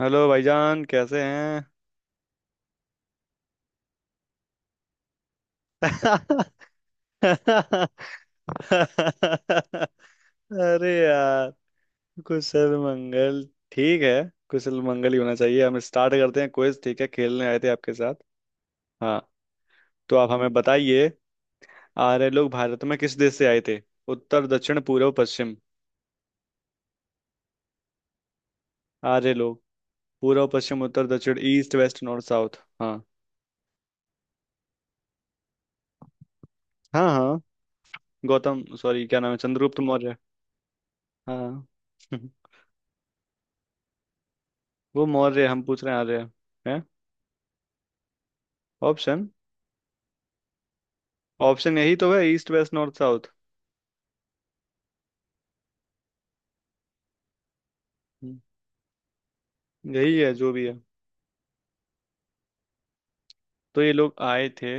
Hello भाईजान, कैसे हैं। अरे यार, कुशल मंगल। ठीक है। कुशल मंगल ही होना चाहिए। हम स्टार्ट करते हैं क्विज, ठीक है। खेलने आए थे आपके साथ। हाँ, तो आप हमें बताइए, आर्य लोग भारत में किस देश से आए थे? उत्तर, दक्षिण, पूर्व, पश्चिम। आर्य लोग। पूर्व, पश्चिम, उत्तर, दक्षिण, ईस्ट, वेस्ट, नॉर्थ, साउथ। हाँ। हाँ हाँ। गौतम, सॉरी, क्या नाम है, चंद्रगुप्त मौर्य। हाँ वो मौर्य, हम पूछ रहे हैं आर्य। ऑप्शन। ऑप्शन यही तो है, ईस्ट, वेस्ट, नॉर्थ, साउथ। यही है जो भी है। तो ये लोग आए थे।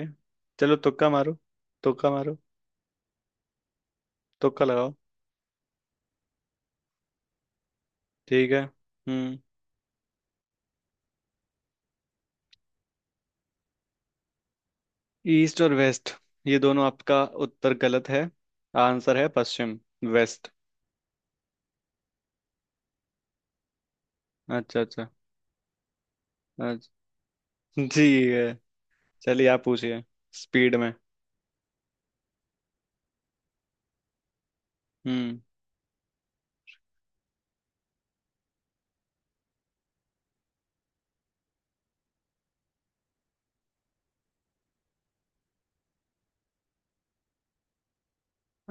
चलो तुक्का मारो। तुक्का मारो, तुक्का लगाओ। ठीक है। हम्म। ईस्ट और वेस्ट, ये दोनों आपका उत्तर गलत है। आंसर है पश्चिम, वेस्ट। अच्छा अच्छा। अच्छा। ठीक है। चलिए, आप पूछिए। स्पीड में। हम्म।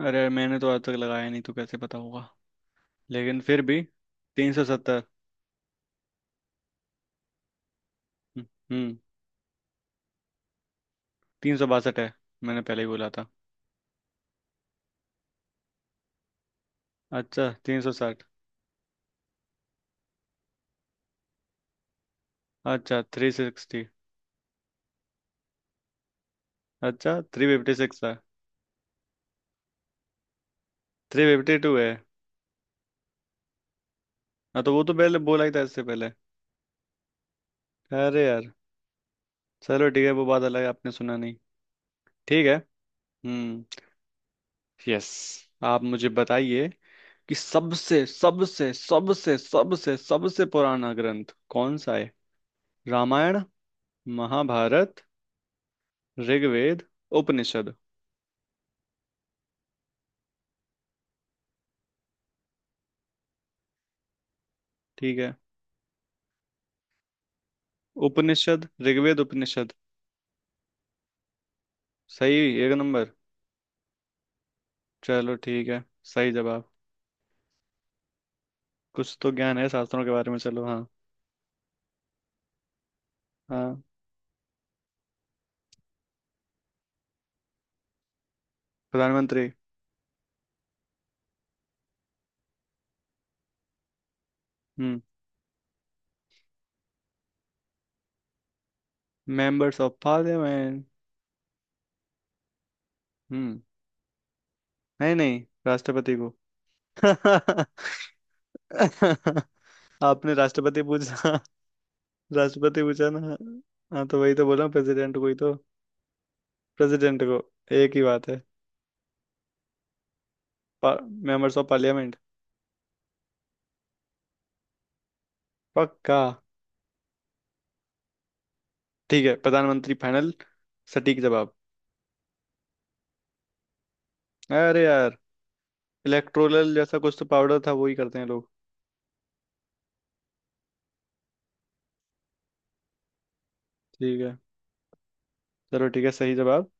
अरे मैंने तो आज तक लगाया नहीं, तो कैसे पता होगा। लेकिन फिर भी, 370। हम्म। 362 है। मैंने पहले ही बोला था। अच्छा, 360। अच्छा, 360। अच्छा, 356 है। 352 है। हाँ, तो वो तो पहले बोला ही था इससे पहले। अरे यार। चलो ठीक है, वो बात अलग है, आपने सुना नहीं। ठीक है। हम्म। यस। आप मुझे बताइए कि सबसे सबसे सबसे सबसे सबसे पुराना ग्रंथ कौन सा है? रामायण, महाभारत, ऋग्वेद, उपनिषद। ठीक है। उपनिषद, ऋग्वेद, उपनिषद। सही। एक नंबर। चलो ठीक है, सही जवाब। कुछ तो ज्ञान है शास्त्रों के बारे में, चलो। हाँ। हाँ। प्रधानमंत्री। हम्म। Members of parliament. हम्म। नहीं नहीं। राष्ट्रपति को। आपने राष्ट्रपति पूछा। राष्ट्रपति पूछा ना। हाँ, तो वही तो बोला, प्रेसिडेंट को ही तो। प्रेसिडेंट को। एक ही बात है। Members of parliament. पक्का। ठीक है, प्रधानमंत्री फाइनल। सटीक जवाब। अरे यार। इलेक्ट्रोलल जैसा कुछ तो पाउडर था, वो ही करते हैं लोग। ठीक है। चलो ठीक है, सही जवाब।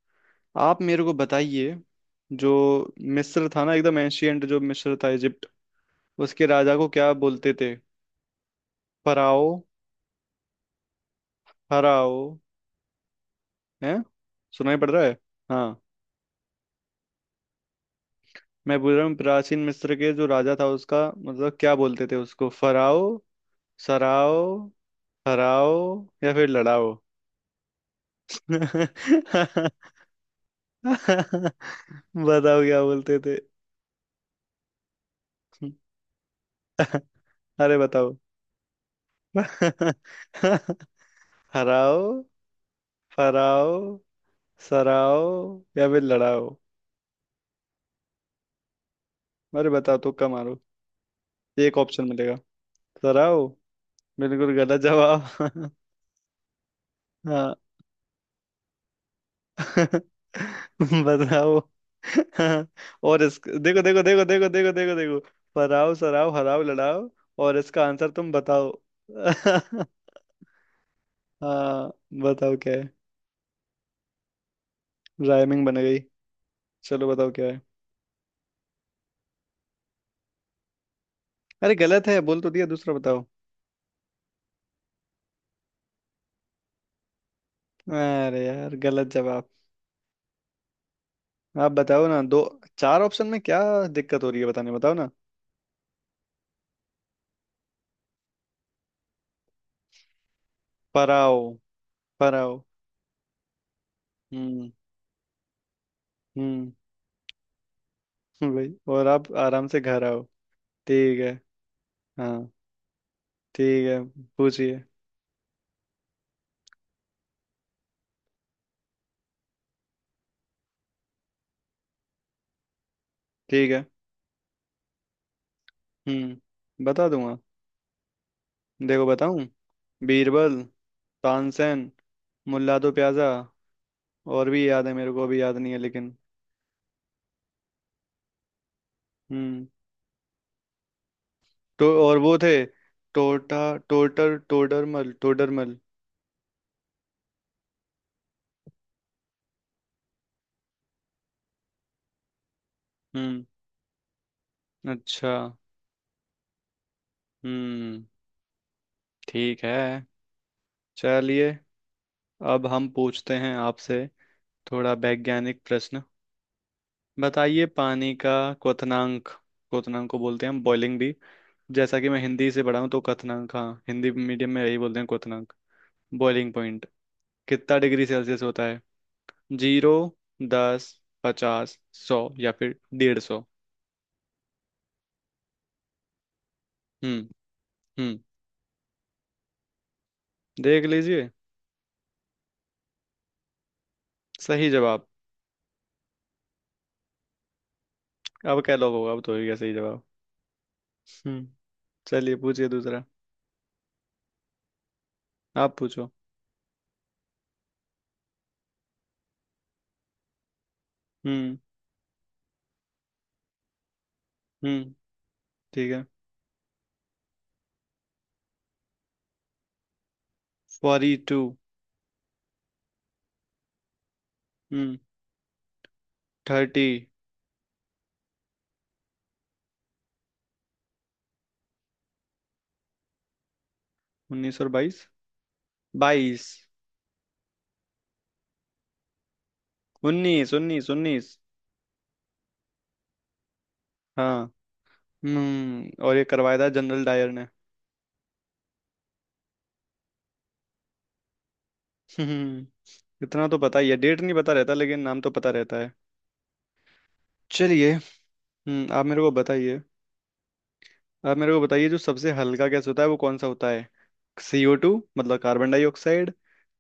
आप मेरे को बताइए। जो मिस्र था ना, एकदम एंशियंट, जो मिस्र था, इजिप्ट, उसके राजा को क्या बोलते थे? फराओ, हराओ? है? सुनाई पड़ रहा है? हाँ। मैं बोल रहा हूँ, प्राचीन मिस्र के जो राजा था उसका मतलब क्या बोलते थे उसको, फराओ, सराओ, हराओ या फिर लड़ाओ? बताओ क्या बोलते थे। अरे बताओ। हराओ, फराओ, सराओ या फिर लड़ाओ। अरे बताओ, तुक्का मारो, एक ऑप्शन मिलेगा। सराओ। बिल्कुल गलत जवाब। हाँ। बताओ। हाँ, और इस, देखो देखो देखो देखो देखो देखो देखो। फराओ, सराओ, हराओ, लड़ाओ। और इसका आंसर तुम बताओ। हाँ, बताओ क्या है। राइमिंग बन गई। चलो बताओ क्या है। अरे गलत है, बोल तो दिया, दूसरा बताओ। अरे यार, गलत जवाब। आप बताओ ना, दो चार ऑप्शन में क्या दिक्कत हो रही है बताने, बताओ। पराओ, पराओ। हम्म। हम्म। भाई, और आप आराम से घर आओ। ठीक है। हाँ। ठीक है। पूछिए। ठीक है। हम्म, बता दूंगा। देखो, बताऊं। बीरबल, तानसेन, मुल्ला दो प्याजा, और भी याद है मेरे को, अभी याद नहीं है लेकिन। हम्म। तो और वो थे, टोटा टोटर टोडरमल टोडरमल। हम्म। अच्छा। हम्म। ठीक है। चलिए, अब हम पूछते हैं आपसे, थोड़ा वैज्ञानिक प्रश्न। बताइए पानी का क्वथनांक। क्वथनांक को बोलते हैं हम बॉइलिंग भी। जैसा कि मैं हिंदी से पढ़ा हूँ, तो क्वथनांक, हाँ हिंदी मीडियम में यही बोलते हैं, क्वथनांक। बॉइलिंग पॉइंट कितना डिग्री सेल्सियस होता है? 0, 10, 50, 100 या फिर 150? हम्म। हम्म, देख लीजिए। सही जवाब। अब क्या लोग होगा, अब तो हो गया सही जवाब। हम्म। चलिए, पूछिए दूसरा। आप पूछो। हम्म। हम्म। ठीक है, 42। हम्म, 30। 19 और 22, 22। 19, 19, 19। हाँ। हम्म, और ये करवाया था जनरल डायर ने। हम्म। इतना तो पता ही है, डेट नहीं पता रहता लेकिन नाम तो पता रहता है। चलिए। हम्म। आप मेरे को बताइए। आप मेरे को बताइए, जो सबसे हल्का गैस होता है वो कौन सा होता है? CO2, मतलब कार्बन डाइऑक्साइड,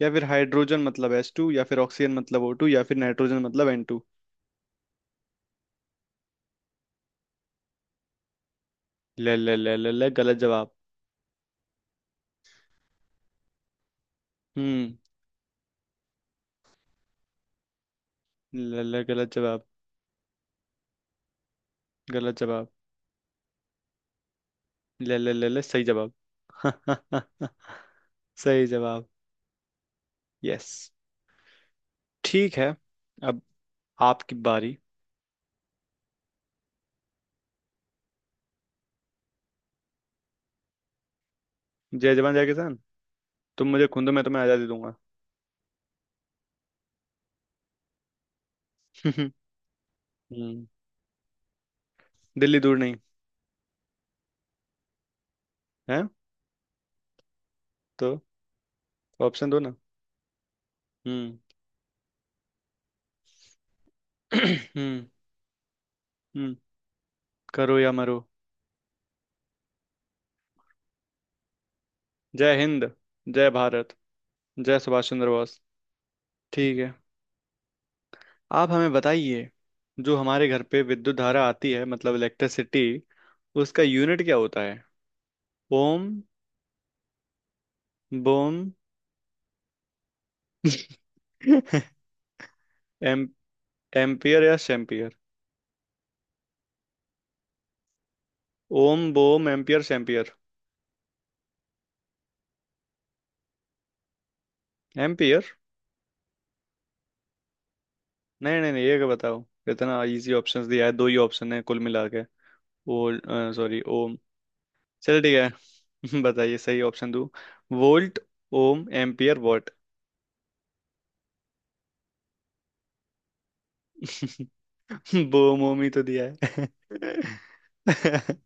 या फिर हाइड्रोजन, मतलब H2, या फिर ऑक्सीजन, मतलब O2, या फिर नाइट्रोजन, मतलब N2। ले ले ले ले ले, गलत जवाब। हम्म। ले ले, गलत जवाब। गलत जवाब। ले ले ले ले, सही जवाब। सही जवाब। यस। ठीक है। अब आपकी बारी। जय जवान जय किसान। तुम मुझे खून दो, मैं तुम्हें आजादी दूंगा। हम्म। दिल्ली दूर नहीं है। तो ऑप्शन दो ना। हम्म। हम्म। हम्म। करो या मरो, जय हिंद, जय भारत, जय सुभाष चंद्र बोस। ठीक है। आप हमें बताइए, जो हमारे घर पे विद्युत धारा आती है, मतलब इलेक्ट्रिसिटी, उसका यूनिट क्या होता है? ओम, बोम। एम एम्पियर या शेम्पियर। ओम, बोम, एम्पियर, शैम्पियर। एम्पियर। नहीं नहीं नहीं, ये क्या बताओ, इतना इजी ऑप्शंस दिया है, दो ही ऑप्शन है कुल मिला के। Volt, sorry ohm. चलो ठीक है बताइए सही ऑप्शन दो। Volt, ohm, ampere, what. Bomb, ohm ही तो दिया है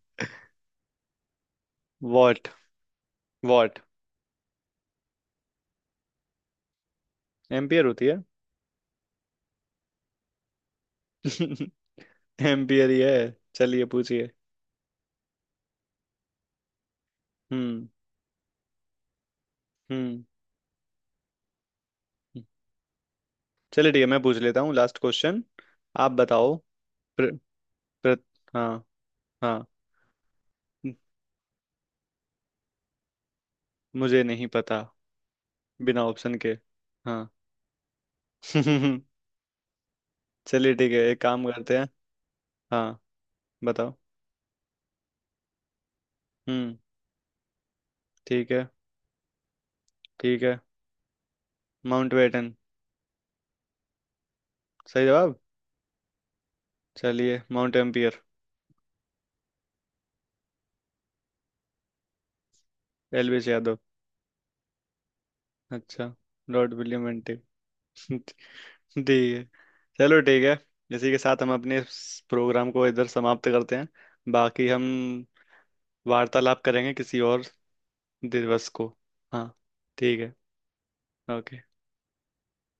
वॉट, वॉट। एम्पियर होती है। एम्पियर ही है। चलिए, पूछिए। हम्म। हम्म। हम्म। चलिए ठीक है, मैं पूछ लेता हूँ लास्ट क्वेश्चन। आप बताओ। प्र, प्र, हाँ। हाँ। मुझे नहीं पता, बिना ऑप्शन के। हाँ। चलिए ठीक है, एक काम करते हैं। हाँ, बताओ। हम्म। ठीक है, ठीक है, माउंट बेटन। सही जवाब। चलिए, माउंट एम्पियर, LBS यादव। अच्छा, लॉर्ड विलियम बेंटिक। ठीक है। चलो ठीक है। इसी के साथ हम अपने इस प्रोग्राम को इधर समाप्त करते हैं। बाकी हम वार्तालाप करेंगे किसी और दिवस को। हाँ। ठीक है। ओके।